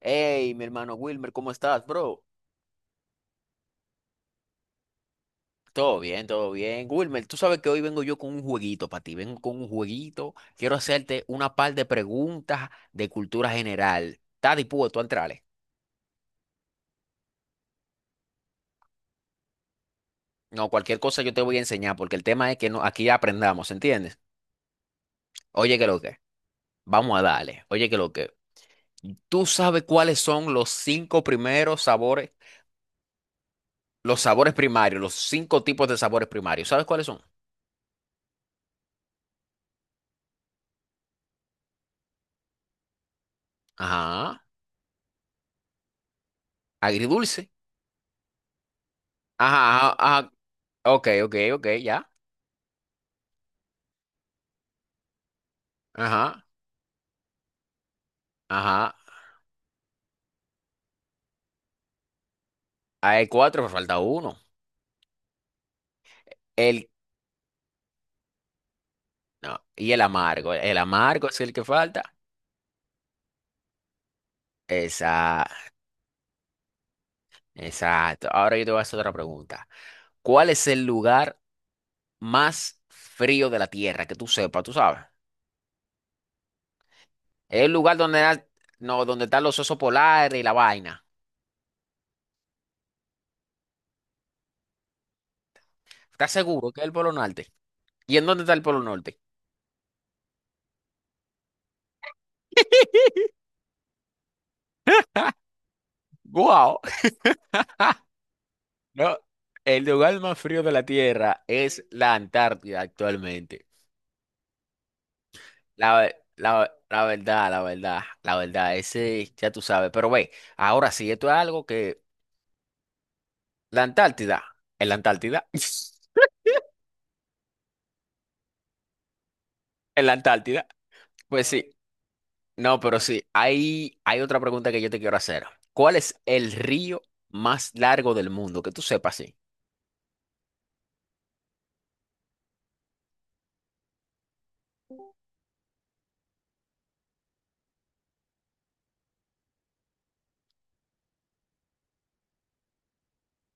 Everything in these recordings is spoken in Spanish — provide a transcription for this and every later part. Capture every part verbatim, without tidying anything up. Hey, mi hermano Wilmer, ¿cómo estás, bro? Todo bien, todo bien. Wilmer, tú sabes que hoy vengo yo con un jueguito para ti. Vengo con un jueguito. Quiero hacerte una par de preguntas de cultura general. ¿Estás dispuesto a entrarle? No, cualquier cosa yo te voy a enseñar porque el tema es que no, aquí aprendamos, ¿entiendes? Oye, que lo que. Vamos a darle. Oye, que lo que. ¿Tú sabes cuáles son los cinco primeros sabores, los sabores primarios, los cinco tipos de sabores primarios? ¿Sabes cuáles son? Ajá. Agridulce. Ajá, ajá, ajá, ok, ok, ok, ya. Ajá, ajá. Hay cuatro, pero falta uno. El, no, y el amargo. El amargo es el que falta. Esa, exacto. Ahora yo te voy a hacer otra pregunta. ¿Cuál es el lugar más frío de la Tierra? Que tú sepas, tú sabes. Es el lugar donde, na- no, donde están los osos polares y la vaina. ¿Estás seguro que es el Polo Norte? ¿Y en dónde está el Polo Norte? ¡Guau! No, el lugar más frío de la Tierra es la Antártida actualmente. La, ve- la, ve- la verdad, la verdad, la verdad, ese ya tú sabes. Pero ve, ahora sí, esto es algo que la Antártida, en la Antártida, en la Antártida, pues sí, no, pero sí, hay, hay otra pregunta que yo te quiero hacer. ¿Cuál es el río más largo del mundo? Que tú sepas, sí.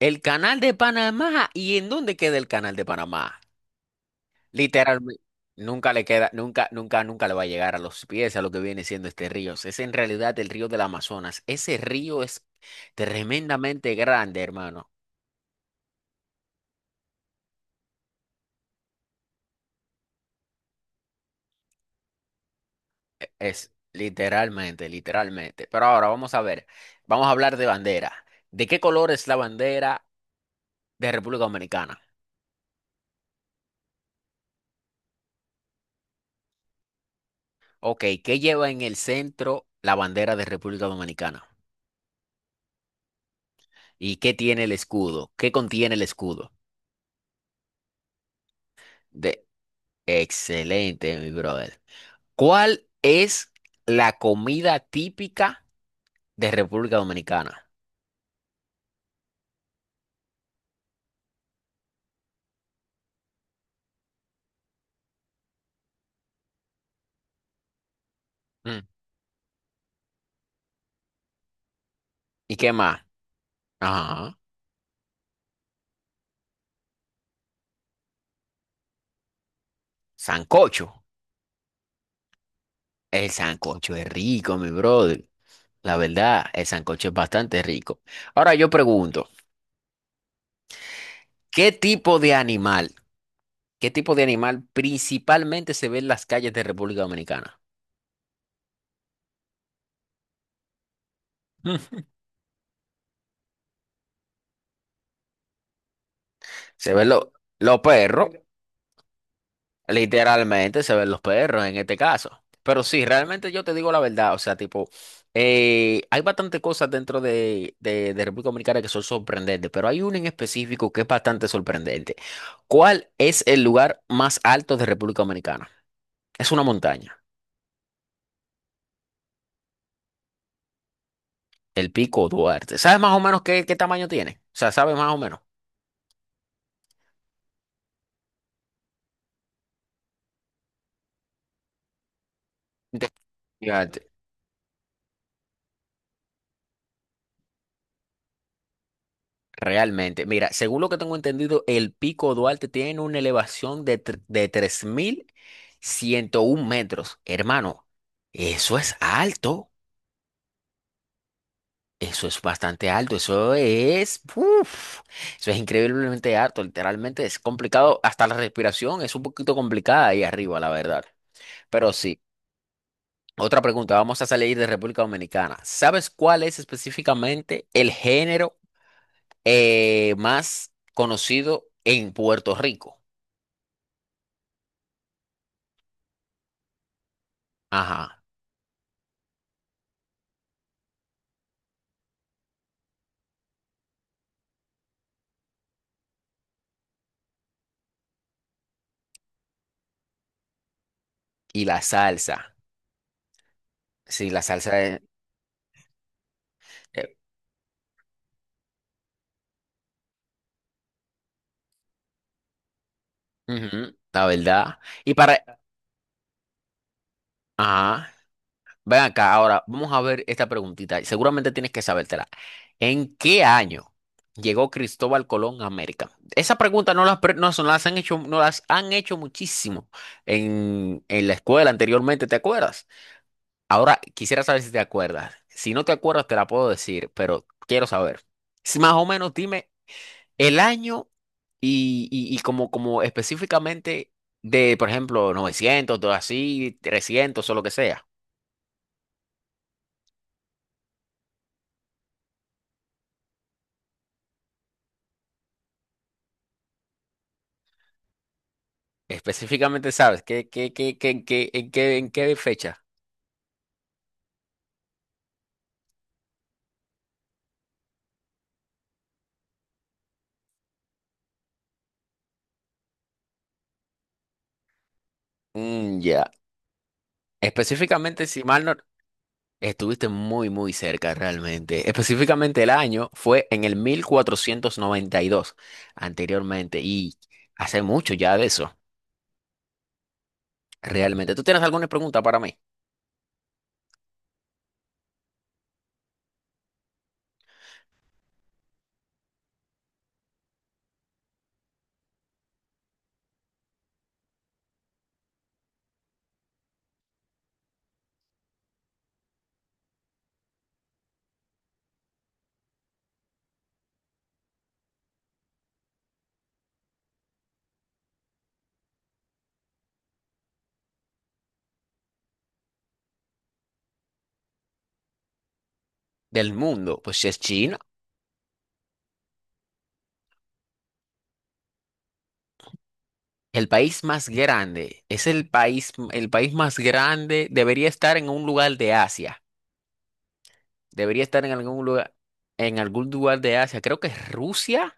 El canal de Panamá, ¿y en dónde queda el canal de Panamá? Literalmente, nunca le queda, nunca, nunca, nunca le va a llegar a los pies a lo que viene siendo este río. Es en realidad el río del Amazonas. Ese río es tremendamente grande, hermano. E- Es literalmente, literalmente. Pero ahora vamos a ver, vamos a hablar de bandera. ¿De qué color es la bandera de República Dominicana? Ok, ¿qué lleva en el centro la bandera de República Dominicana? ¿Y qué tiene el escudo? ¿Qué contiene el escudo? De... Excelente, mi brother. ¿Cuál es la comida típica de República Dominicana? Mm. ¿Y qué más? Ajá. Sancocho. El sancocho es rico, mi brother. La verdad, el sancocho es bastante rico. Ahora yo pregunto, ¿qué tipo de animal, qué tipo de animal principalmente se ve en las calles de República Dominicana? Mm. Se ven lo- los perros, literalmente se ven los perros en este caso. Pero sí, realmente yo te digo la verdad, o sea, tipo, eh, hay bastante cosas dentro de, de, de República Dominicana que son sorprendentes, pero hay una en específico que es bastante sorprendente. ¿Cuál es el lugar más alto de República Dominicana? Es una montaña, el Pico Duarte. ¿Sabes más o menos qué, qué tamaño tiene? O sea, ¿sabes más o menos? Fíjate. Realmente, mira, según lo que tengo entendido, el Pico Duarte tiene una elevación de, tr- de tres mil ciento un metros. Hermano, eso es alto, eso es bastante alto, eso es, uf, eso es increíblemente alto, literalmente es complicado, hasta la respiración es un poquito complicada ahí arriba, la verdad. Pero sí, otra pregunta, vamos a salir de República Dominicana. ¿Sabes cuál es específicamente el género eh, más conocido en Puerto Rico? Ajá. Y la salsa. Sí, la salsa es... eh, ujú, la verdad. Y para... Ajá. Ven acá, ahora vamos a ver esta preguntita. Seguramente tienes que sabértela. ¿En qué año llegó Cristóbal Colón a América? Esa pregunta no las, pre- no, se las han hecho, no las han hecho muchísimo en, en la escuela anteriormente, ¿te acuerdas? Ahora quisiera saber si te acuerdas. Si no te acuerdas, te la puedo decir, pero quiero saber. Si más o menos dime el año y, y- y como, como específicamente de, por ejemplo, novecientos todo así, trescientos o lo que sea. Específicamente, ¿sabes? ¿Qué, qué, qué, qué, en qué, en qué, en qué fecha? Mm, ya. Específicamente, si mal no... Estuviste muy, muy cerca realmente. Específicamente el año fue en el mil cuatrocientos noventa y dos anteriormente, y hace mucho ya de eso, realmente. ¿Tú tienes alguna pregunta para mí? Del mundo, pues si es china. El país más grande, es el país, el país más grande, debería estar en un lugar de Asia, debería estar en algún lugar, en algún lugar de Asia, creo que es Rusia.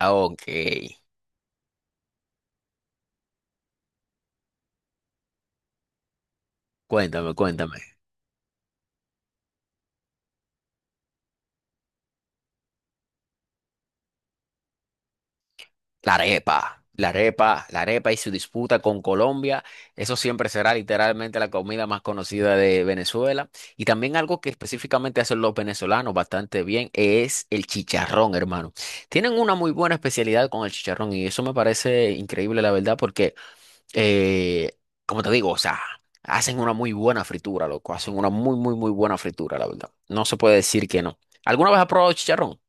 Ah, ok, cuéntame, cuéntame. La arepa, la arepa, la arepa y su disputa con Colombia, eso siempre será literalmente la comida más conocida de Venezuela. Y también algo que específicamente hacen los venezolanos bastante bien es el chicharrón, hermano. Tienen una muy buena especialidad con el chicharrón y eso me parece increíble, la verdad, porque, eh, como te digo, o sea, hacen una muy buena fritura, loco, hacen una muy, muy, muy buena fritura, la verdad. No se puede decir que no. ¿Alguna vez has probado chicharrón?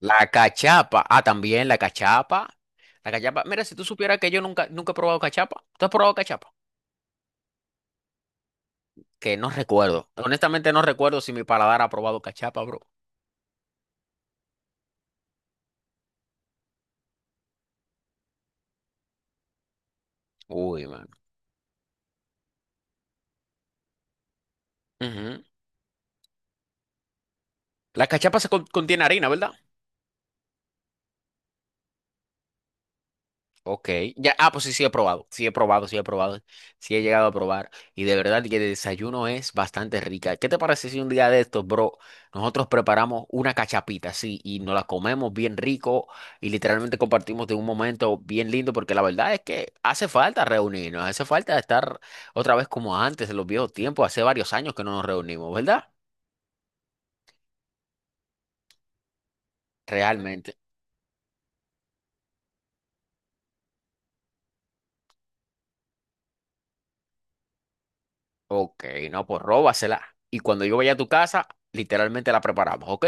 La cachapa, ah, también la cachapa. La cachapa, mira, si tú supieras que yo nunca, nunca he probado cachapa, ¿tú has probado cachapa? Que no recuerdo. Honestamente no recuerdo si mi paladar ha probado cachapa, bro. Uy, man. Ujú. La cachapa se con- contiene harina, ¿verdad? Ok, ya, ah, pues sí, sí he probado, sí he probado, sí he probado, sí he llegado a probar y de verdad que el desayuno es bastante rica. ¿Qué te parece si un día de estos, bro, nosotros preparamos una cachapita, sí, y nos la comemos bien rico y literalmente compartimos de un momento bien lindo porque la verdad es que hace falta reunirnos, hace falta estar otra vez como antes en los viejos tiempos, hace varios años que no nos reunimos, ¿verdad? Realmente. Ok, no, pues róbasela y cuando yo vaya a tu casa, literalmente la preparamos, ¿ok?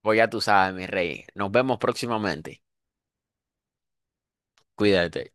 Pues ya tú sabes, mi rey. Nos vemos próximamente. Cuídate.